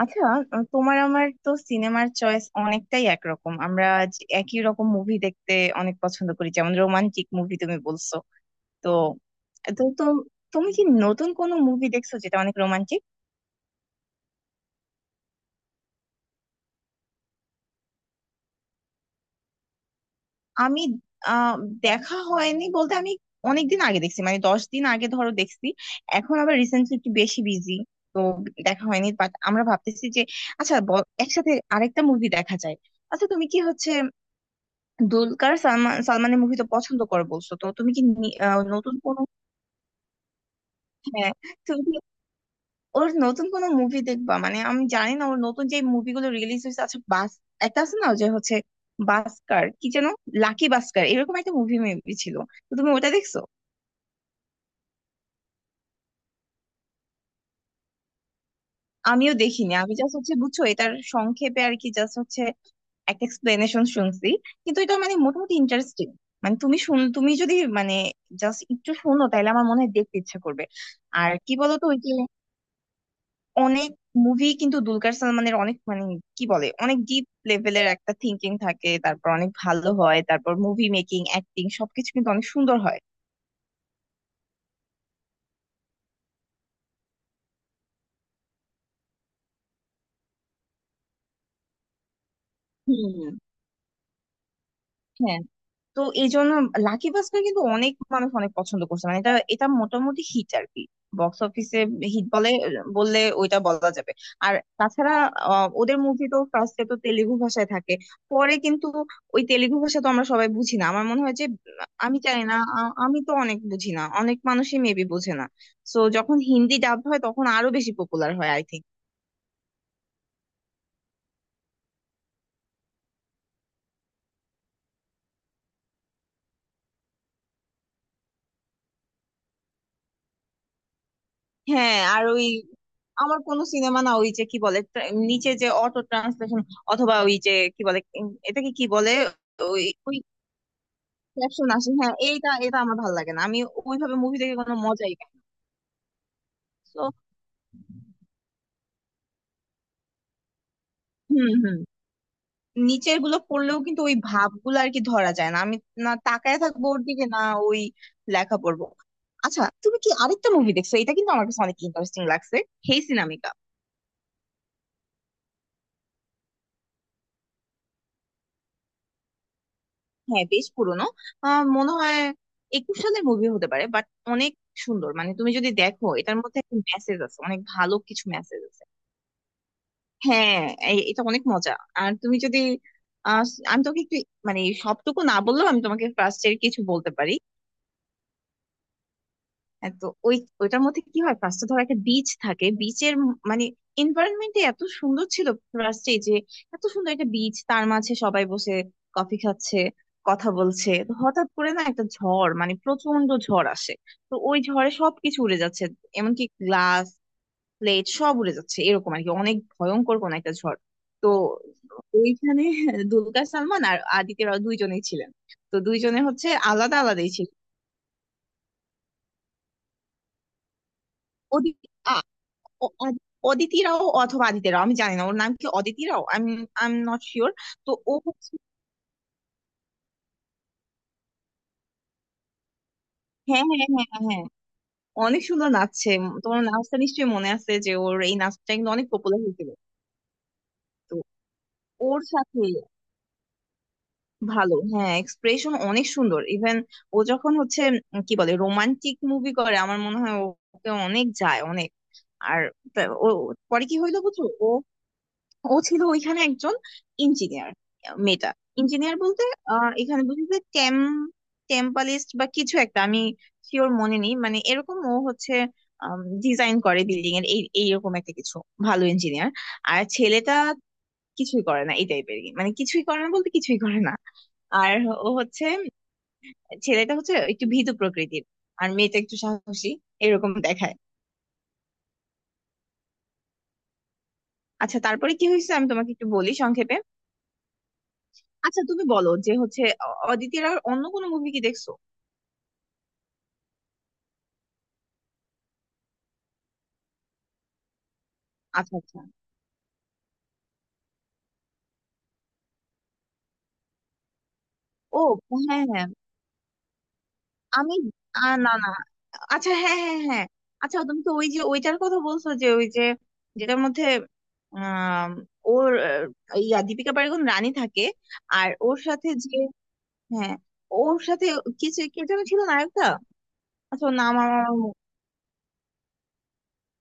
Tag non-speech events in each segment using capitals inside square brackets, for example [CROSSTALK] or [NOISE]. আচ্ছা তোমার আমার তো সিনেমার চয়েস অনেকটাই একরকম, আমরা একই রকম মুভি দেখতে অনেক পছন্দ করি, যেমন রোমান্টিক মুভি তুমি বলছো। তো তো তো তুমি কি নতুন কোনো মুভি দেখছো যেটা অনেক রোমান্টিক? আমি আহ দেখা হয়নি বলতে, আমি অনেকদিন আগে দেখছি, মানে 10 দিন আগে ধরো দেখছি। এখন আবার রিসেন্টলি একটু বেশি বিজি, তো দেখা হয়নি। বাট আমরা ভাবতেছি যে আচ্ছা, একসাথে আরেকটা মুভি দেখা যায়। আচ্ছা তুমি কি হচ্ছে, দুলকার সালমান সালমানের মুভি তো পছন্দ করে বলছো, তো তুমি কি নতুন কোনো? হ্যাঁ, তুমি কি ওর নতুন কোনো মুভি দেখবা? মানে আমি জানি না ওর নতুন যে মুভিগুলো রিলিজ হয়েছে, আচ্ছা একটা আছে না যে হচ্ছে বাস্কার কি যেন, লাকি বাস্কার, এরকম একটা মুভি মেবি ছিল। তো তুমি ওটা দেখছো? আমিও দেখিনি, আমি জাস্ট হচ্ছে বুঝছো এটার সংক্ষেপে আর কি, জাস্ট হচ্ছে একটা এক্সপ্লেনেশন শুনছি, কিন্তু এটা মানে মোটামুটি ইন্টারেস্টিং। মানে তুমি শুন, তুমি যদি মানে জাস্ট একটু শোনো, তাহলে আমার মনে হয় দেখতে ইচ্ছা করবে। আর কি বলতো, ওই যে অনেক মুভি কিন্তু দুলকার সালমানের, অনেক মানে কি বলে, অনেক ডিপ লেভেলের একটা থিঙ্কিং থাকে, তারপর অনেক ভালো হয়, তারপর মুভি মেকিং, অ্যাক্টিং সবকিছু কিন্তু অনেক সুন্দর হয়। হুম। হ্যাঁ, তো এই জন্য লাকি ভাস্কর কিন্তু অনেক মানুষ অনেক পছন্দ করছে, মানে এটা এটা মোটামুটি হিট আর কি, বক্স অফিসে হিট বলে বললে ওইটা বলা যাবে। আর তাছাড়া ওদের মুভি তো ফার্স্টে তো তেলেগু ভাষায় থাকে, পরে কিন্তু ওই তেলেগু ভাষা তো আমরা সবাই বুঝি না, আমার মনে হয় যে আমি জানি না, আমি তো অনেক বুঝি না, অনেক মানুষই মেবি বোঝে না। সো যখন হিন্দি ডাব হয় তখন আরো বেশি পপুলার হয় আই থিঙ্ক। হ্যাঁ, আর ওই আমার কোন সিনেমা না, ওই যে কি বলে নিচে যে অটো ট্রান্সলেশন, অথবা ওই যে কি বলে, এটাকে কি বলে, ওই ওই ক্যাপশন আসে, হ্যাঁ এইটা, এটা আমার ভালো লাগে না, আমি ওইভাবে মুভি দেখে কোনো মজাই পাই না। তো হুম হুম, নিচের গুলো পড়লেও কিন্তু ওই ভাবগুলো আর কি ধরা যায় না, আমি না তাকায় থাকবো ওর দিকে না ওই লেখা পড়বো। আচ্ছা তুমি কি আরেকটা মুভি দেখছো, এটা কিন্তু আমার কাছে অনেক ইন্টারেস্টিং লাগছে, হেই সিনামিকা। হ্যাঁ বেশ পুরনো, আহ মনে হয় একুশ সালের মুভি হতে পারে, বাট অনেক সুন্দর, মানে তুমি যদি দেখো এটার মধ্যে একটা মেসেজ আছে, অনেক ভালো কিছু মেসেজ আছে। হ্যাঁ এটা অনেক মজা। আর তুমি যদি আহ, আমি তোকে একটু, মানে সবটুকু না বললেও আমি তোমাকে ফার্স্ট এর কিছু বলতে পারি। হ্যাঁ, তো ওই ওইটার মধ্যে কি হয়, ফার্স্টে ধরো একটা বিচ থাকে, বিচের মানে এনভায়রনমেন্টে এত সুন্দর ছিল, ফার্স্টে যে এত সুন্দর একটা বিচ, তার মাঝে সবাই বসে কফি খাচ্ছে, কথা বলছে, তো হঠাৎ করে না একটা ঝড়, মানে প্রচন্ড ঝড় আসে। তো ওই ঝড়ে সবকিছু উড়ে যাচ্ছে, এমনকি গ্লাস, প্লেট সব উড়ে যাচ্ছে, এরকম আর কি, অনেক ভয়ঙ্কর কোন একটা ঝড়। তো ওইখানে [LAUGHS] দুলকার সালমান আর আদিত্য রাও দুইজনেই ছিলেন, তো দুইজনে হচ্ছে আলাদা আলাদাই ছিল। অ- অ- অদিতি রাও অথবা আদিতি রাও, আমি জানি না ওর নাম কি, অদিতি রাও, আমি আই এম নট শিওর। তো ও হচ্ছে, হ্যাঁ হ্যাঁ হ্যাঁ হ্যাঁ হ্যাঁ, অনেক সুন্দর নাচছে। তোমার নাচটা নিশ্চয়ই মনে আছে যে ওর এই নাচটা কিন্তু অনেক পপুলার হয়েছিল। তো ওর সাথে ভালো, হ্যাঁ, এক্সপ্রেশন অনেক সুন্দর, ইভেন ও যখন হচ্ছে কি বলে রোমান্টিক মুভি করে, আমার মনে হয় ওকে অনেক যায় অনেক। আর ও পরে কি হইলো বুঝছো, ও ও ছিল ওইখানে একজন ইঞ্জিনিয়ার, মেয়েটা ইঞ্জিনিয়ার বলতে এখানে বুঝি যে টেম, টেম্পালিস্ট বা কিছু একটা আমি শিওর মনে নেই, মানে এরকম ও হচ্ছে ডিজাইন করে বিল্ডিং এর, এই এইরকম একটা কিছু ভালো ইঞ্জিনিয়ার। আর ছেলেটা কিছুই করে না এই টাইপের, মানে কিছুই করে না বলতে কিছুই করে না। আর ও হচ্ছে, ছেলেটা হচ্ছে একটু ভীতু প্রকৃতির, আর মেয়েটা একটু সাহসী, এরকম দেখায়। আচ্ছা তারপরে কি হয়েছে আমি তোমাকে একটু বলি সংক্ষেপে। আচ্ছা তুমি বলো যে হচ্ছে, অদিতির আর অন্য কোনো মুভি কি দেখছো? আচ্ছা আচ্ছা। ও হ্যাঁ হ্যাঁ, আমি না না, আচ্ছা হ্যাঁ হ্যাঁ হ্যাঁ হ্যাঁ। আচ্ছা তুমি তো ওই যে ওইটার কথা বলছো, যে ওই যে যেটার মধ্যে আম, ওর ইয়া দীপিকা পাড়ুকোন রানী থাকে। আর ওর সাথে যে, হ্যাঁ, ওর সাথে কিছু কে যেন ছিল নায়কটা। আচ্ছা ওর নাম আমার আমার মনে-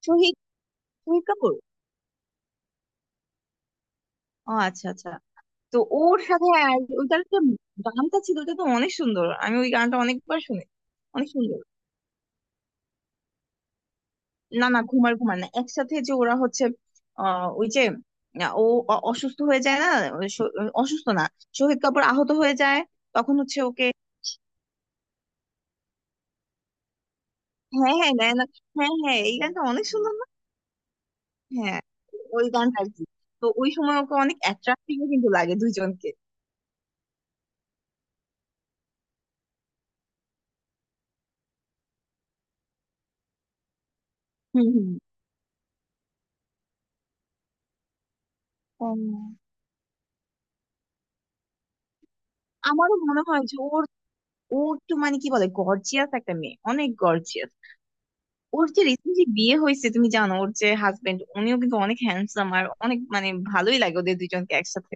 শহীদ, শহীদ কাপুর। ও আচ্ছা আচ্ছা। তো ওর সাথে আর ওইটার যে গানটা ছিল ওটা তো অনেক সুন্দর, আমি ওই গানটা অনেকবার শুনি, অনেক সুন্দর। না না, ঘুমার ঘুমার না, একসাথে যে ওরা হচ্ছে ওই যে ও অসুস্থ হয়ে যায় না, ওই অসুস্থ না, শহীদ কাপুর আহত হয়ে যায়, তখন হচ্ছে ওকে। হ্যাঁ হ্যাঁ, না না, হ্যাঁ হ্যাঁ এই গানটা অনেক সুন্দর না, হ্যাঁ ওই গানটা আর কি। তো ওই সময় ওকে অনেক অ্যাট্রাক্টিভ কিন্তু লাগে দুইজনকে। হুম হুম। ও, আমারও মনে হয় যে ওর, ও তো মানে কি বলে গর্জিয়াস একটা মেয়ে, অনেক গর্জিয়াস। ওর যে রিসেন্টলি বিয়ে হয়েছে তুমি জানো, ওর যে হাজবেন্ড উনিও কিন্তু অনেক হ্যান্ডসাম, আর অনেক মানে ভালোই লাগে ওদের দুইজনকে একসাথে।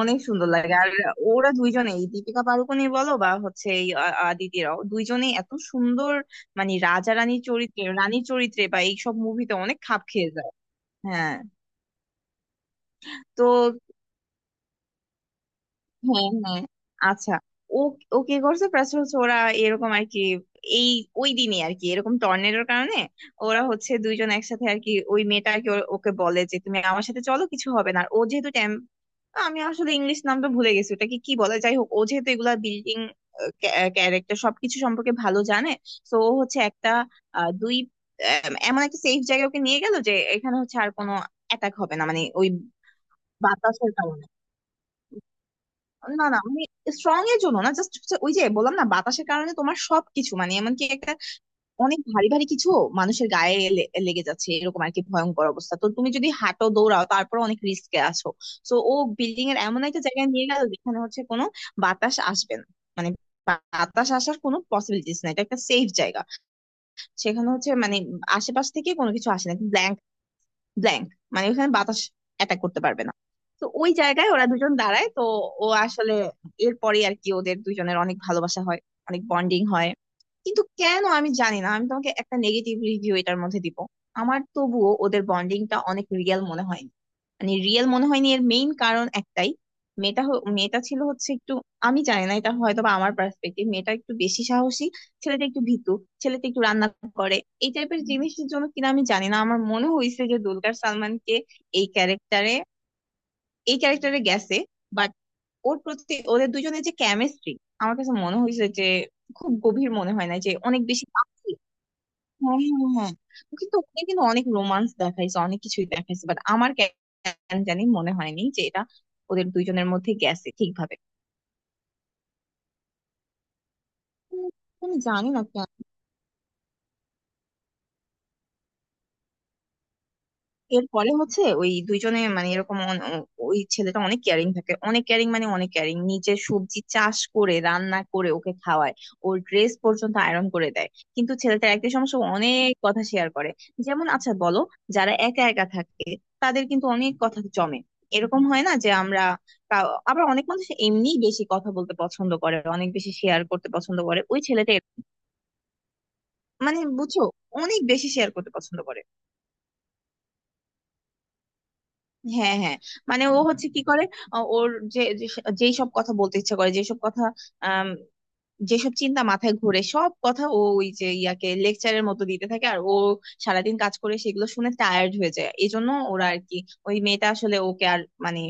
অনেক সুন্দর লাগে। আর ওরা দুইজনে, এই দীপিকা পাড়ুকোনই বলো বা হচ্ছে এই আদিতিরাও, দুইজনেই এত সুন্দর, মানে রাজা রানীর চরিত্রে, রানীর চরিত্রে বা এইসব মুভিতে অনেক খাপ খেয়ে যায়। হ্যাঁ। তো হ্যাঁ হ্যাঁ, আচ্ছা। ও ও কি করছে প্লাস হচ্ছে ওরা এরকম আর কি, এই ওই দিনই আর কি এরকম টর্নেডোর কারণে ওরা হচ্ছে দুইজন একসাথে আর কি, ওই মেয়েটা আর কি ওকে বলে যে তুমি আমার সাথে চলো, কিছু হবে না। আর ও যেহেতু টেম, আমি আসলে ইংলিশ নামটা ভুলে গেছি, ওটাকে কি বলে, যাই হোক, ও যেহেতু এগুলা বিল্ডিং ক্যারেক্টার সবকিছু সম্পর্কে ভালো জানে, তো ও হচ্ছে একটা আহ, দুই এমন একটা সেফ জায়গায় ওকে নিয়ে গেল যে এখানে হচ্ছে আর কোনো অ্যাটাক হবে না, মানে ওই বাতাসের কারণে। না না আমি স্ট্রং এর জন্য না, জাস্ট ওই যে বললাম না, বাতাসের কারণে তোমার সবকিছু, মানে এমনকি একটা অনেক ভারী ভারী কিছু মানুষের গায়ে লেগে যাচ্ছে এরকম আর কি, ভয়ঙ্কর অবস্থা, তো তুমি যদি হাঁটো দৌড়াও তারপর অনেক রিস্কে আছো। তো ও বিল্ডিং এর এমন একটা জায়গায় নিয়ে গেল যেখানে হচ্ছে কোনো বাতাস আসবে না, মানে বাতাস আসার কোনো পসিবিলিটিস নাই, এটা একটা সেফ জায়গা। সেখানে হচ্ছে মানে আশেপাশ থেকে কোনো কিছু আসে না, ব্ল্যাঙ্ক, মানে ওখানে বাতাস অ্যাটাক করতে পারবে না। তো ওই জায়গায় ওরা দুজন দাঁড়ায়, তো ও আসলে এরপরে আর কি, ওদের দুজনের অনেক ভালোবাসা হয়, অনেক বন্ডিং হয়। কিন্তু কেন আমি জানি না, আমি তোমাকে একটা নেগেটিভ রিভিউ এটার মধ্যে দিব, আমার তবুও ওদের বন্ডিংটা অনেক রিয়েল মনে হয়নি। মানে রিয়েল মনে হয়নি এর মেইন কারণ একটাই, মেয়েটা মেয়েটা ছিল হচ্ছে একটু, আমি জানি না এটা হয়তো বা আমার পার্সপেক্টিভ, মেয়েটা একটু বেশি সাহসী, ছেলেটা একটু ভীতু, ছেলেটা একটু রান্না করে, এই টাইপের জিনিসের জন্য কিনা আমি জানি না। আমার মনে হয়েছে যে দুলকার সালমানকে এই এই ক্যারেক্টারে গেছে, বাট ওর প্রতি ওদের দুজনের যে কেমিস্ট্রি, আমার কাছে মনে হয়েছে যে খুব গভীর মনে হয় না, যে অনেক বেশি পাতলা। হ্যাঁ হ্যাঁ হ্যাঁ হ্যাঁ। ও কিন্তু ওখানে কিন্তু অনেক রোমান্স দেখাইছে, অনেক কিছুই দেখাইছে, বাট আমার কেন জানি মনে হয়নি যে এটা ওদের দুইজনের মধ্যে গেছে ঠিকভাবে। উম, আমি জানি না এরপরে হচ্ছে ওই দুইজনে মানে এরকম ওই ছেলেটা অনেক কেয়ারিং থাকে, অনেক কেয়ারিং, মানে অনেক কেয়ারিং, নিজে সবজি চাষ করে রান্না করে ওকে খাওয়ায়, ওর ড্রেস পর্যন্ত আয়রন করে দেয়। কিন্তু ছেলেটার একটাই সমস্যা, ও অনেক কথা শেয়ার করে। যেমন আচ্ছা বলো, যারা একা একা থাকে তাদের কিন্তু অনেক কথা জমে, এরকম হয় না যে আমরা আবার অনেক মানুষ এমনি বেশি কথা বলতে পছন্দ করে, অনেক বেশি শেয়ার করতে পছন্দ করে, ওই ছেলেটা মানে বুঝছো অনেক বেশি শেয়ার করতে পছন্দ করে। হ্যাঁ হ্যাঁ। মানে ও হচ্ছে কি করে, আ, ওর যে যে- যেই সব কথা বলতে ইচ্ছে করে, যেসব কথা আম, যেসব চিন্তা মাথায় ঘুরে, সব কথা ও ওই যে ইয়াকে লেকচারের মতো দিতে থাকে, আর ও সারাদিন কাজ করে সেগুলো শুনে টায়ার্ড হয়ে যায়, এই জন্য ওরা আর কি, ওই মেয়েটা আসলে ওকে আর মানে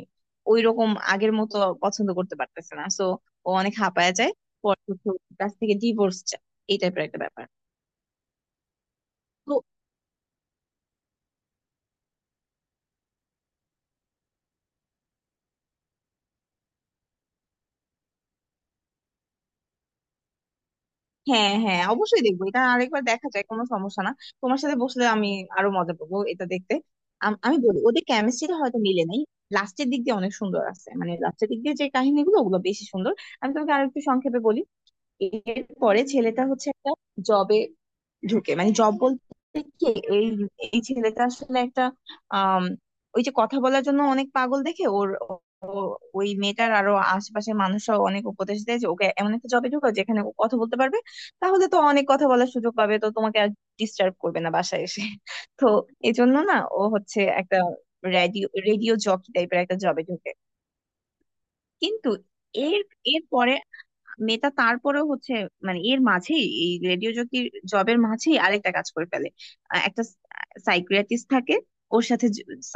ওই রকম আগের মতো পছন্দ করতে পারতেছে না, সো ও অনেক হাঁপায় যায়। পরে হচ্ছে ওর কাছ থেকে ডিভোর্স চায়, এই টাইপের একটা ব্যাপার। হ্যাঁ হ্যাঁ, অবশ্যই দেখবো এটা, আরেকবার দেখা যায় কোনো সমস্যা না, তোমার সাথে বসলে আমি আরো মজা পাবো এটা দেখতে। আমি বলি ওদের কেমিস্ট্রিটা হয়তো মিলে নাই, লাস্টের দিক দিয়ে অনেক সুন্দর আছে, মানে লাস্টের দিক দিয়ে যে কাহিনীগুলো ওগুলো বেশি সুন্দর। আমি তোমাকে আরেকটু সংক্ষেপে বলি। এরপরে ছেলেটা হচ্ছে একটা জবে ঢুকে, মানে জব বলতে কি, এই এই ছেলেটা আসলে একটা আম, ওই যে কথা বলার জন্য অনেক পাগল দেখে ওর, ওই মেয়েটার আরো আশেপাশের মানুষরা অনেক উপদেশ দেয় যে ওকে এমন একটা জবে ঢুকাও যেখানে ও কথা বলতে পারবে, তাহলে তো অনেক কথা বলার সুযোগ পাবে, তো তোমাকে আর ডিস্টার্ব করবে না বাসায় এসে। তো এই জন্য না ও হচ্ছে একটা রেডিও রেডিও জকি টাইপের একটা জবে ঢুকে। কিন্তু এর, এর পরে মেয়েটা তারপরেও হচ্ছে, মানে এর মাঝেই এই রেডিও জকির জবের মাঝেই আরেকটা কাজ করে ফেলে। একটা সাইকিয়াট্রিস্ট থাকে ওর সাথে,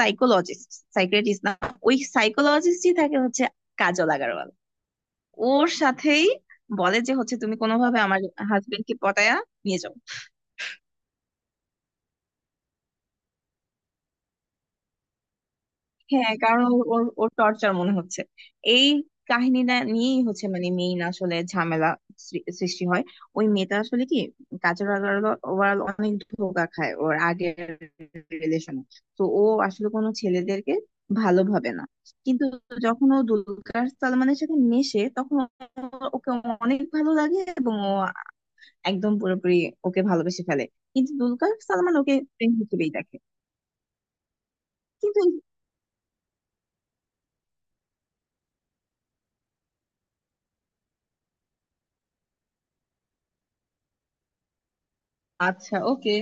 সাইকোলজিস্ট, সাইকিয়াট্রিস্ট না, ওই সাইকোলজিস্টই থাকে হচ্ছে কাজল আগারওয়াল, ওর সাথেই বলে যে হচ্ছে তুমি কোনোভাবে আমার হাজবেন্ডকে পটায়া নিয়ে যাও। হ্যাঁ, কারণ ওর ওর ওর টর্চার মনে হচ্ছে এই কাহিনীটা নিয়েই হচ্ছে, মানে মেইন আসলে ঝামেলা সৃষ্টি হয়। ওই মেয়েটা আসলে কি কাজের, ওভারঅল অনেক ধোঁকা খায় ওর আগের রিলেশনে, তো ও আসলে কোনো ছেলেদেরকে ভালো ভাবে না। কিন্তু যখন ও দুলকার সালমানের সাথে মেশে তখন ওকে অনেক ভালো লাগে এবং ও একদম পুরোপুরি ওকে ভালোবেসে ফেলে। কিন্তু দুলকার সালমান ওকে প্রেম হিসেবেই দেখে, কিন্তু আচ্ছা ওকে